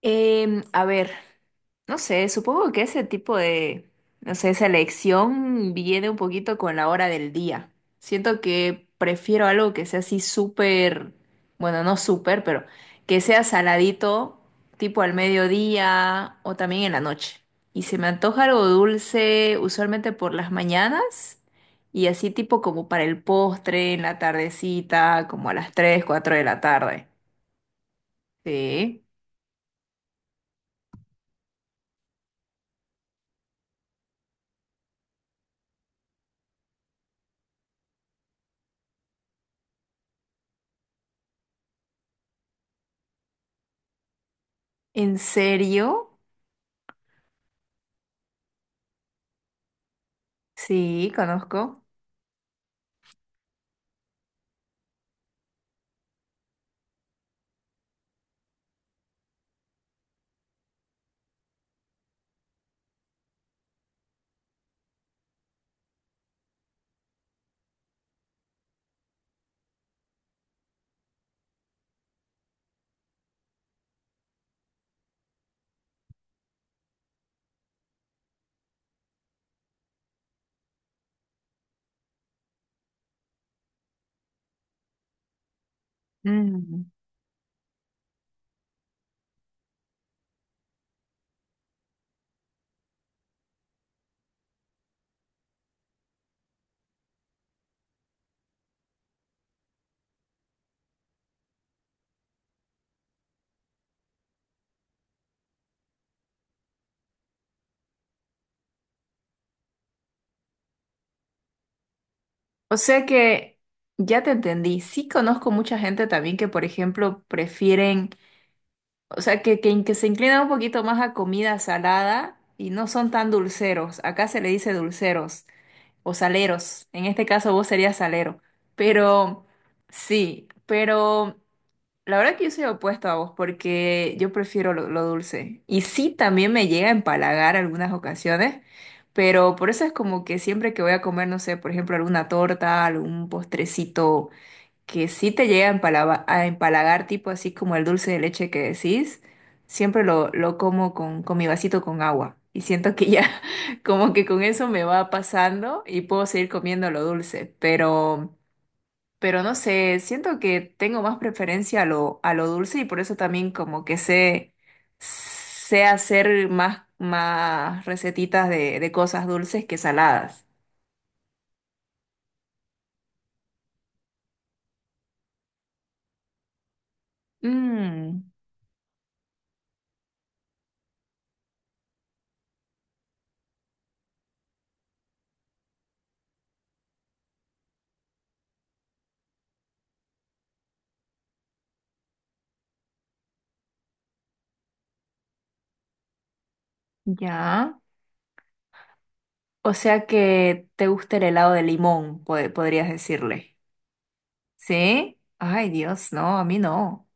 A ver, no sé, supongo que ese tipo de, no sé, selección viene un poquito con la hora del día. Siento que prefiero algo que sea así súper, bueno, no súper, pero que sea saladito, tipo al mediodía o también en la noche. Y se me antoja algo dulce, usualmente por las mañanas, y así tipo como para el postre, en la tardecita, como a las 3, 4 de la tarde. Sí. ¿En serio? Sí, conozco. Mm. O sea que ya te entendí. Sí, conozco mucha gente también que, por ejemplo, prefieren, o sea, que se inclinan un poquito más a comida salada y no son tan dulceros. Acá se le dice dulceros o saleros. En este caso vos serías salero. Pero sí, pero la verdad que yo soy opuesta a vos porque yo prefiero lo dulce. Y sí, también me llega a empalagar algunas ocasiones, pero por eso es como que siempre que voy a comer, no sé, por ejemplo, alguna torta, algún postrecito que sí te llega a empalagar, tipo así como el dulce de leche que decís, siempre lo como con mi vasito con agua. Y siento que ya como que con eso me va pasando y puedo seguir comiendo lo dulce, pero no sé, siento que tengo más preferencia a lo dulce y por eso también como que sé hacer más recetitas de cosas dulces que saladas. Mm, ya. O sea que te gusta el helado de limón, podrías decirle. ¿Sí? Ay, Dios, no, a mí no.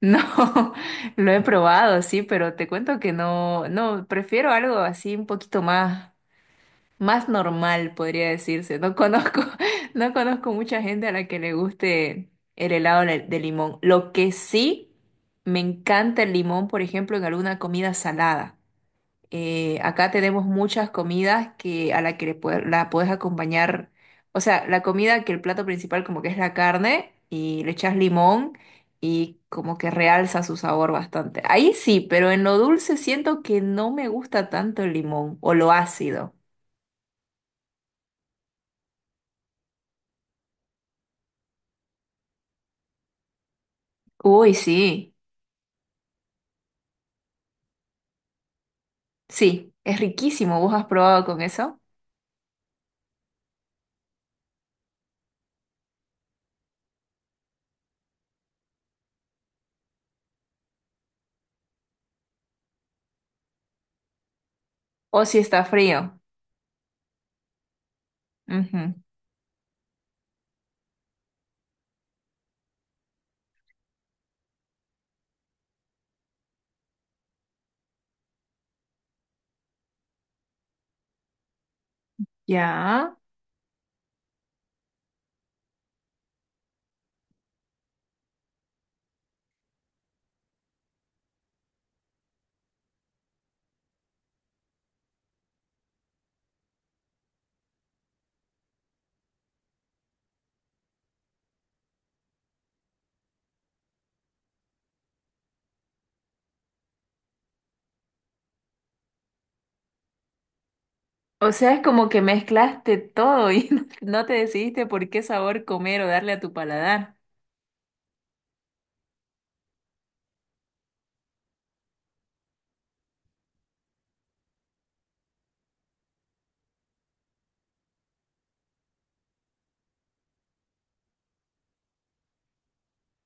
No, lo he probado, sí, pero te cuento que no, no, prefiero algo así un poquito más normal, podría decirse. No conozco, no conozco mucha gente a la que le guste el helado de limón. Lo que sí me encanta el limón, por ejemplo, en alguna comida salada. Acá tenemos muchas comidas que a la que le la puedes acompañar. O sea, la comida que el plato principal como que es la carne y le echas limón y como que realza su sabor bastante. Ahí sí, pero en lo dulce siento que no me gusta tanto el limón o lo ácido. Uy, sí, sí, es riquísimo. ¿Vos has probado con eso? O si está frío. Ujú, ya. O sea, es como que mezclaste todo y no, no te decidiste por qué sabor comer o darle a tu paladar.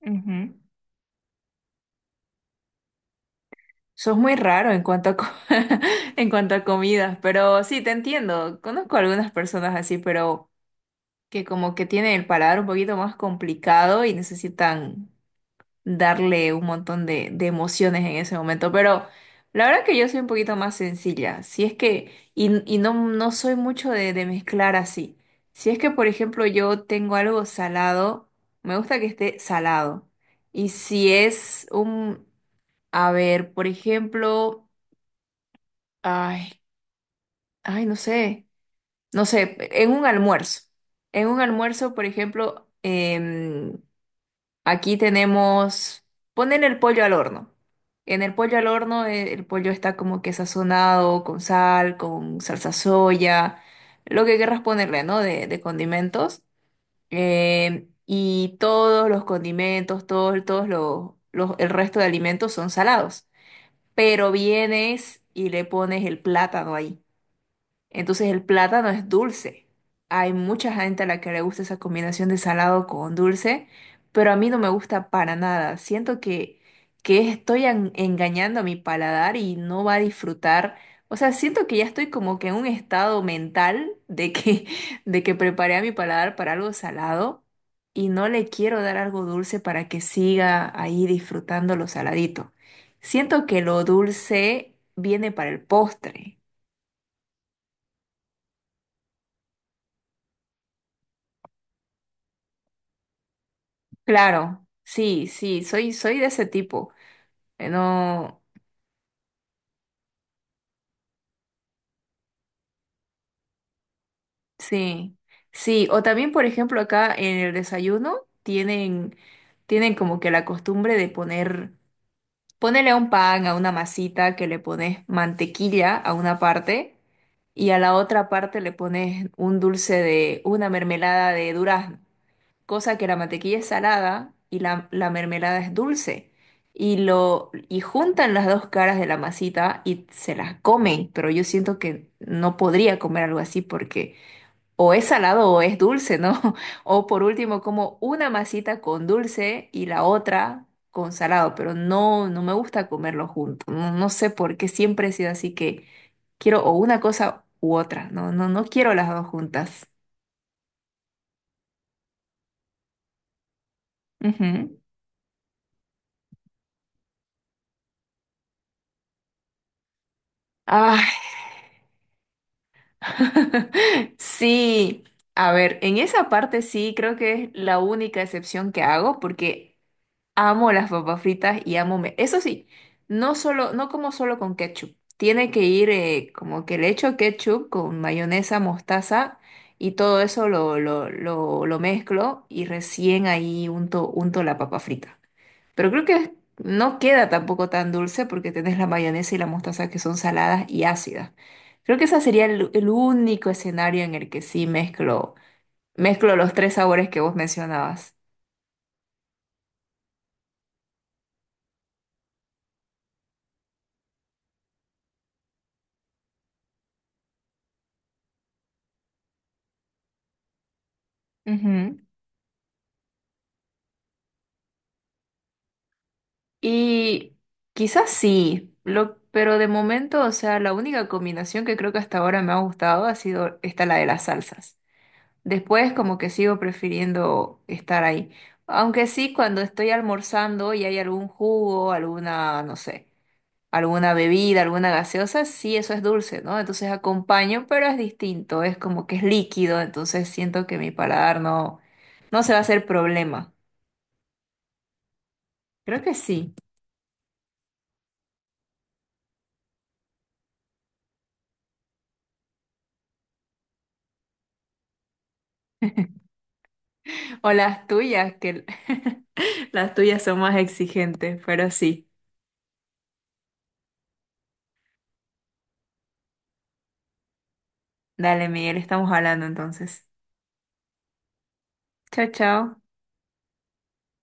Ujú. Sos muy raro en cuanto a, en cuanto a comidas, pero sí, te entiendo. Conozco algunas personas así, pero que como que tienen el paladar un poquito más complicado y necesitan darle un montón de emociones en ese momento. Pero la verdad que yo soy un poquito más sencilla. Si es que, y no soy mucho de mezclar así. Si es que, por ejemplo, yo tengo algo salado, me gusta que esté salado. Y si es un, a ver, por ejemplo, ay, ay, no sé, no sé, en un almuerzo. En un almuerzo, por ejemplo, em, Aquí tenemos ponen el pollo al horno. En el pollo al horno el pollo está como que sazonado con sal, con salsa soya, lo que querrás ponerle, ¿no? De condimentos. Y todos los condimentos, el resto de alimentos son salados. Pero vienes y le pones el plátano ahí. Entonces el plátano es dulce. Hay mucha gente a la que le gusta esa combinación de salado con dulce, pero a mí no me gusta para nada. Siento que estoy engañando a mi paladar y no va a disfrutar. O sea, siento que ya estoy como que en un estado mental de que, de que preparé a mi paladar para algo salado y no le quiero dar algo dulce para que siga ahí disfrutando lo saladito. Siento que lo dulce viene para el postre. Claro, sí, sí, soy de ese tipo. No, sí, sí. O también, por ejemplo, acá en el desayuno tienen como que la costumbre de ponerle a un pan, a una masita, que le pones mantequilla a una parte y a la otra parte le pones una mermelada de durazno. Cosa que la mantequilla es salada y la mermelada es dulce. Y juntan las dos caras de la masita y se las comen, pero yo siento que no podría comer algo así porque o es salado o es dulce, ¿no? O por último, como una masita con dulce y la otra con salado, pero no, no me gusta comerlo junto. No, no sé por qué siempre he sido así que quiero o una cosa u otra. No, no, no quiero las dos juntas. Ujú. Ay. Sí, a ver, en esa parte sí creo que es la única excepción que hago porque amo las papas fritas y amo me... Eso sí, no como solo con ketchup. Tiene que ir como que le echo ketchup con mayonesa, mostaza y todo eso lo mezclo y recién ahí unto, unto la papa frita. Pero creo que no queda tampoco tan dulce porque tenés la mayonesa y la mostaza que son saladas y ácidas. Creo que ese sería el único escenario en el que sí mezclo los tres sabores que vos mencionabas. Ujú. Y quizás sí, pero de momento, o sea, la única combinación que creo que hasta ahora me ha gustado ha sido esta, la de las salsas. Después como que sigo prefiriendo estar ahí. Aunque sí, cuando estoy almorzando y hay algún jugo, alguna, no sé, alguna bebida, alguna gaseosa, sí, eso es dulce, ¿no? Entonces acompaño, pero es distinto, es como que es líquido, entonces siento que mi paladar no se va a hacer problema. Creo que sí. O las tuyas, que las tuyas son más exigentes, pero sí. Dale, Miguel, estamos hablando entonces. Chao, chao.